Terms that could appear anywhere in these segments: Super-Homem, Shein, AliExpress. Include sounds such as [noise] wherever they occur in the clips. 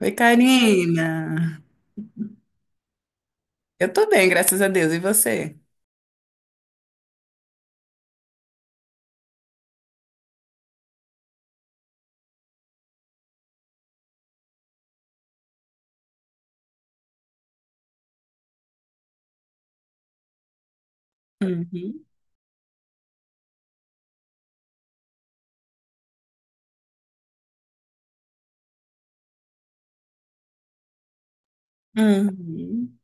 Oi, Karina. Eu tô bem, graças a Deus. E você? Uhum. Uhum.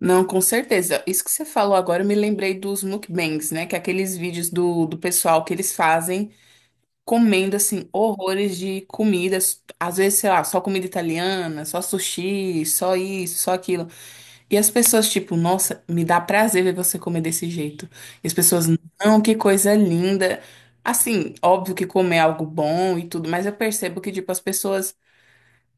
Não, com certeza. Isso que você falou agora, eu me lembrei dos mukbangs, né? Que é aqueles vídeos do pessoal que eles fazem comendo, assim, horrores de comidas. Às vezes, sei lá, só comida italiana, só sushi, só isso, só aquilo. E as pessoas, tipo, nossa, me dá prazer ver você comer desse jeito. E as pessoas, não, que coisa linda. Assim, óbvio que comer é algo bom e tudo, mas eu percebo que, tipo, as pessoas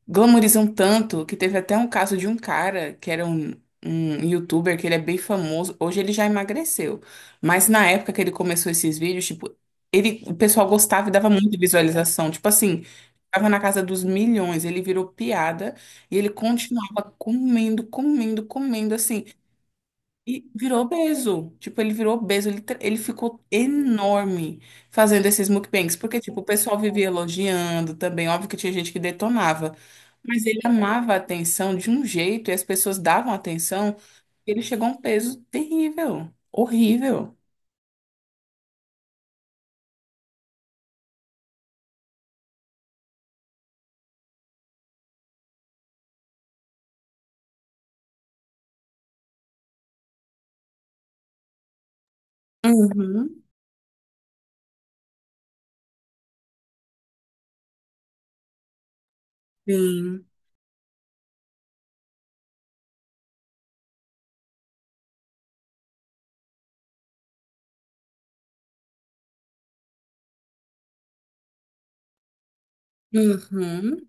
glamorizam tanto que teve até um caso de um cara que um youtuber que ele é bem famoso. Hoje ele já emagreceu. Mas na época que ele começou esses vídeos, tipo, o pessoal gostava e dava muita visualização. Tipo assim, tava na casa dos milhões, ele virou piada. E ele continuava comendo, comendo, comendo, assim. E virou obeso. Tipo, ele virou obeso. Ele, ele ficou enorme fazendo esses mukbangs. Porque, tipo, o pessoal vivia elogiando também. Óbvio que tinha gente que detonava. Mas ele amava a atenção de um jeito e as pessoas davam atenção. E ele chegou a um peso terrível. Horrível. Uhum. Sim. Uhum.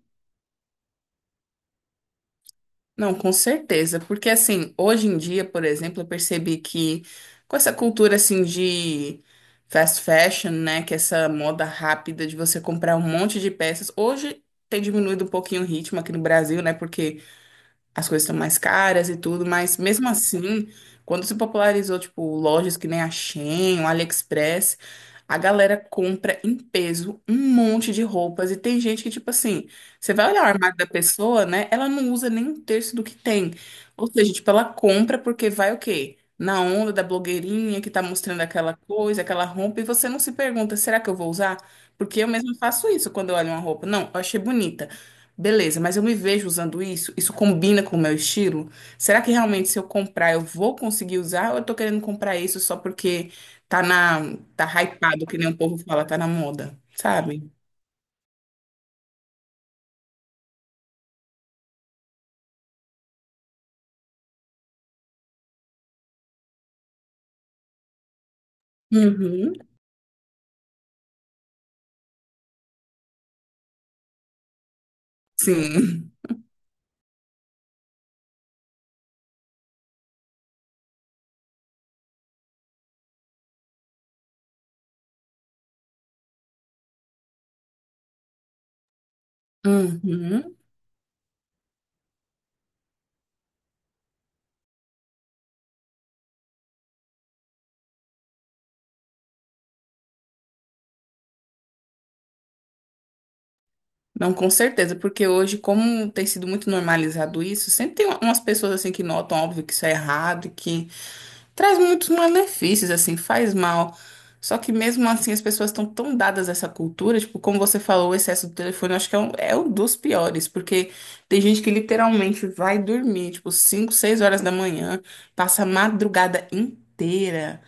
Não, com certeza, porque assim, hoje em dia, por exemplo, eu percebi que com essa cultura assim de fast fashion, né, que é essa moda rápida de você comprar um monte de peças, hoje tem diminuído um pouquinho o ritmo aqui no Brasil, né, porque as coisas estão mais caras e tudo, mas mesmo assim, quando se popularizou, tipo, lojas que nem a Shein, o AliExpress, a galera compra em peso um monte de roupas e tem gente que, tipo assim, você vai olhar o armário da pessoa, né? Ela não usa nem um terço do que tem. Ou seja, tipo, ela compra porque vai o quê? Na onda da blogueirinha que tá mostrando aquela coisa, aquela roupa, e você não se pergunta, será que eu vou usar? Porque eu mesma faço isso quando eu olho uma roupa. Não, eu achei bonita. Beleza, mas eu me vejo usando isso? Isso combina com o meu estilo? Será que realmente se eu comprar eu vou conseguir usar ou eu tô querendo comprar isso só porque tá hypado, que nem o povo fala, tá na moda, sabe? Uhum. Sim. Uhum. Não, com certeza, porque hoje, como tem sido muito normalizado isso, sempre tem umas pessoas assim que notam, óbvio, que isso é errado, traz muitos malefícios, assim, faz mal. Só que mesmo assim as pessoas estão tão dadas a essa cultura, tipo, como você falou, o excesso do telefone, eu acho que é um dos piores, porque tem gente que literalmente vai dormir, tipo, 5 6 horas da manhã, passa a madrugada inteira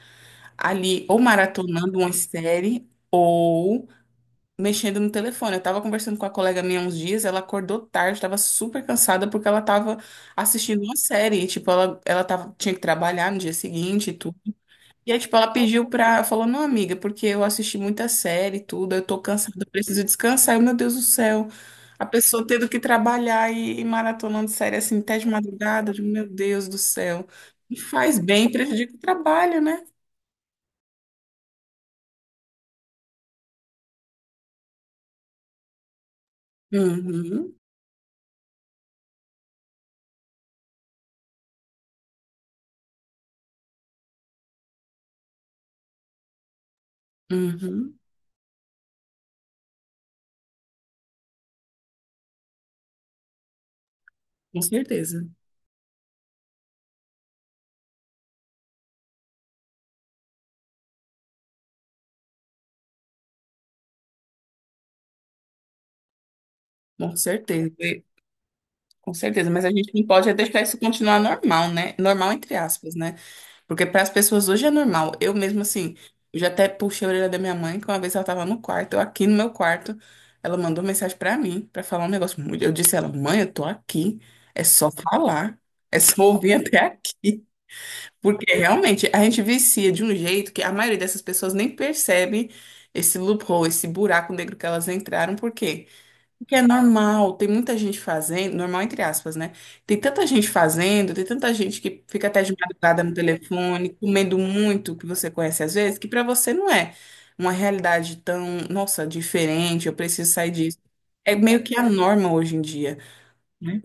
ali, ou maratonando uma série, ou mexendo no telefone. Eu tava conversando com a colega minha uns dias, ela acordou tarde, tava super cansada porque ela tava assistindo uma série, e, tipo, ela tava, tinha que trabalhar no dia seguinte e tudo. E aí, tipo, ela pediu pra. Falou, não, amiga, porque eu assisti muita série e tudo, eu tô cansada, eu preciso descansar. E, meu Deus do céu, a pessoa tendo que trabalhar e maratonando série assim até de madrugada, eu digo, meu Deus do céu. E faz bem, prejudica o trabalho, né? Uhum, uhum, com certeza, com certeza, com certeza. Mas a gente não pode é deixar isso continuar normal, né? Normal, entre aspas, né? Porque para as pessoas hoje é normal. Eu mesmo assim, eu já até puxei a orelha da minha mãe, que uma vez ela estava no quarto, eu aqui no meu quarto, ela mandou mensagem para mim para falar um negócio. Eu disse a ela, mãe, eu tô aqui, é só falar, é só ouvir até aqui. Porque realmente a gente vicia de um jeito que a maioria dessas pessoas nem percebe esse loophole, esse buraco negro que elas entraram, porque o que é normal, tem muita gente fazendo, normal entre aspas, né? Tem tanta gente fazendo, tem tanta gente que fica até de madrugada no telefone, comendo muito, que você conhece às vezes, que pra você não é uma realidade tão, nossa, diferente, eu preciso sair disso. É meio que a norma hoje em dia, né?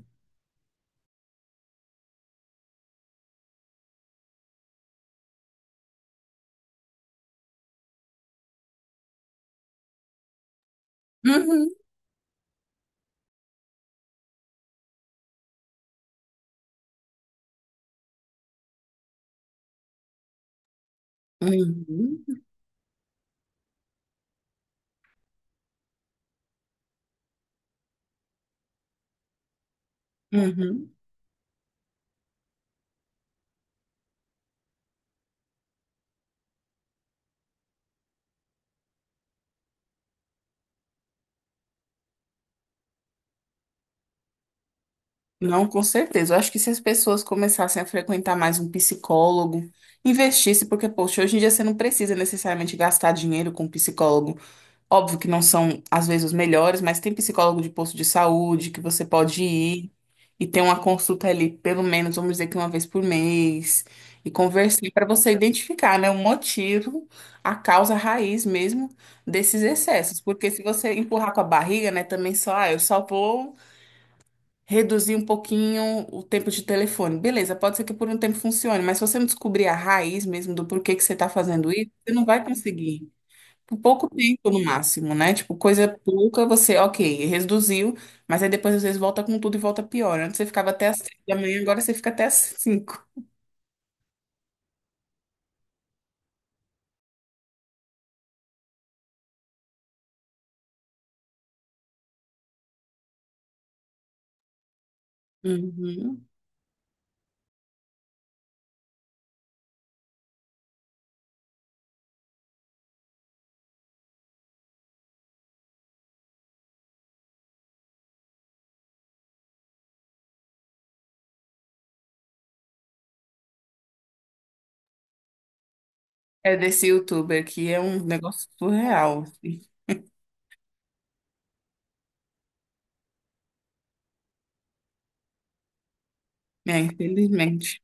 Uhum, uhum, uhum. Não, com certeza. Eu acho que se as pessoas começassem a frequentar mais um psicólogo, investisse, porque, poxa, hoje em dia você não precisa necessariamente gastar dinheiro com um psicólogo. Óbvio que não são, às vezes, os melhores, mas tem psicólogo de posto de saúde que você pode ir e ter uma consulta ali, pelo menos, vamos dizer que uma vez por mês, e conversar para você identificar, né, o motivo, a causa raiz mesmo desses excessos. Porque se você empurrar com a barriga, né, também só, ah, eu só vou reduzir um pouquinho o tempo de telefone. Beleza, pode ser que por um tempo funcione, mas se você não descobrir a raiz mesmo do porquê que você está fazendo isso, você não vai conseguir. Por pouco tempo no máximo, né? Tipo, coisa pouca, você, ok, reduziu, mas aí depois às vezes volta com tudo e volta pior. Antes você ficava até as 3 da manhã, agora você fica até as 5. Uhum. É desse youtuber que é um negócio surreal, assim. É, infelizmente.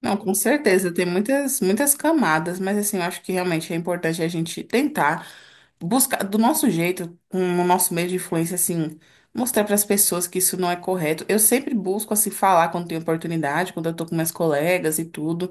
Não, com certeza, tem muitas, muitas camadas, mas assim, eu acho que realmente é importante a gente tentar, buscar do nosso jeito, com o nosso meio de influência, assim, mostrar para as pessoas que isso não é correto. Eu sempre busco, assim, falar quando tenho oportunidade, quando eu tô com minhas colegas e tudo.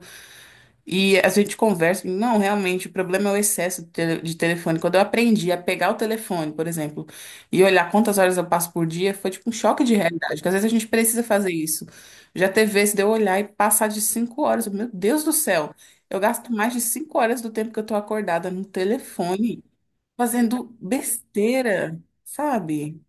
E a gente conversa, e, não, realmente, o problema é o excesso de telefone. Quando eu aprendi a pegar o telefone, por exemplo, e olhar quantas horas eu passo por dia, foi tipo um choque de realidade, porque às vezes a gente precisa fazer isso. Já teve vezes de eu olhar e passar de 5 horas, meu Deus do céu. Eu gasto mais de 5 horas do tempo que eu tô acordada no telefone fazendo besteira, sabe?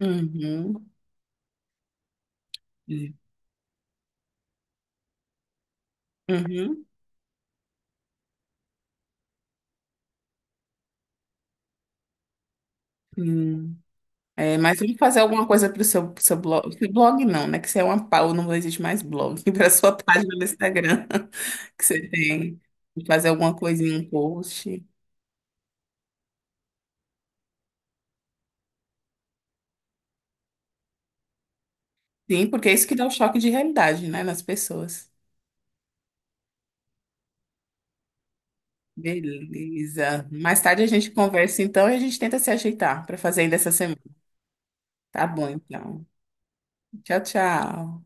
Uhum. É. Uhum. Hum. É, mas tem que fazer alguma coisa para pro seu blog. Que blog não, né? Que você é uma pau, não existe mais blog. [laughs] Para sua página no Instagram [laughs] que você tem. Fazer alguma coisinha, um post. Sim, porque é isso que dá o choque de realidade, né? Nas pessoas. Beleza. Mais tarde a gente conversa então e a gente tenta se ajeitar para fazer ainda essa semana. Tá bom, então. Tchau, tchau.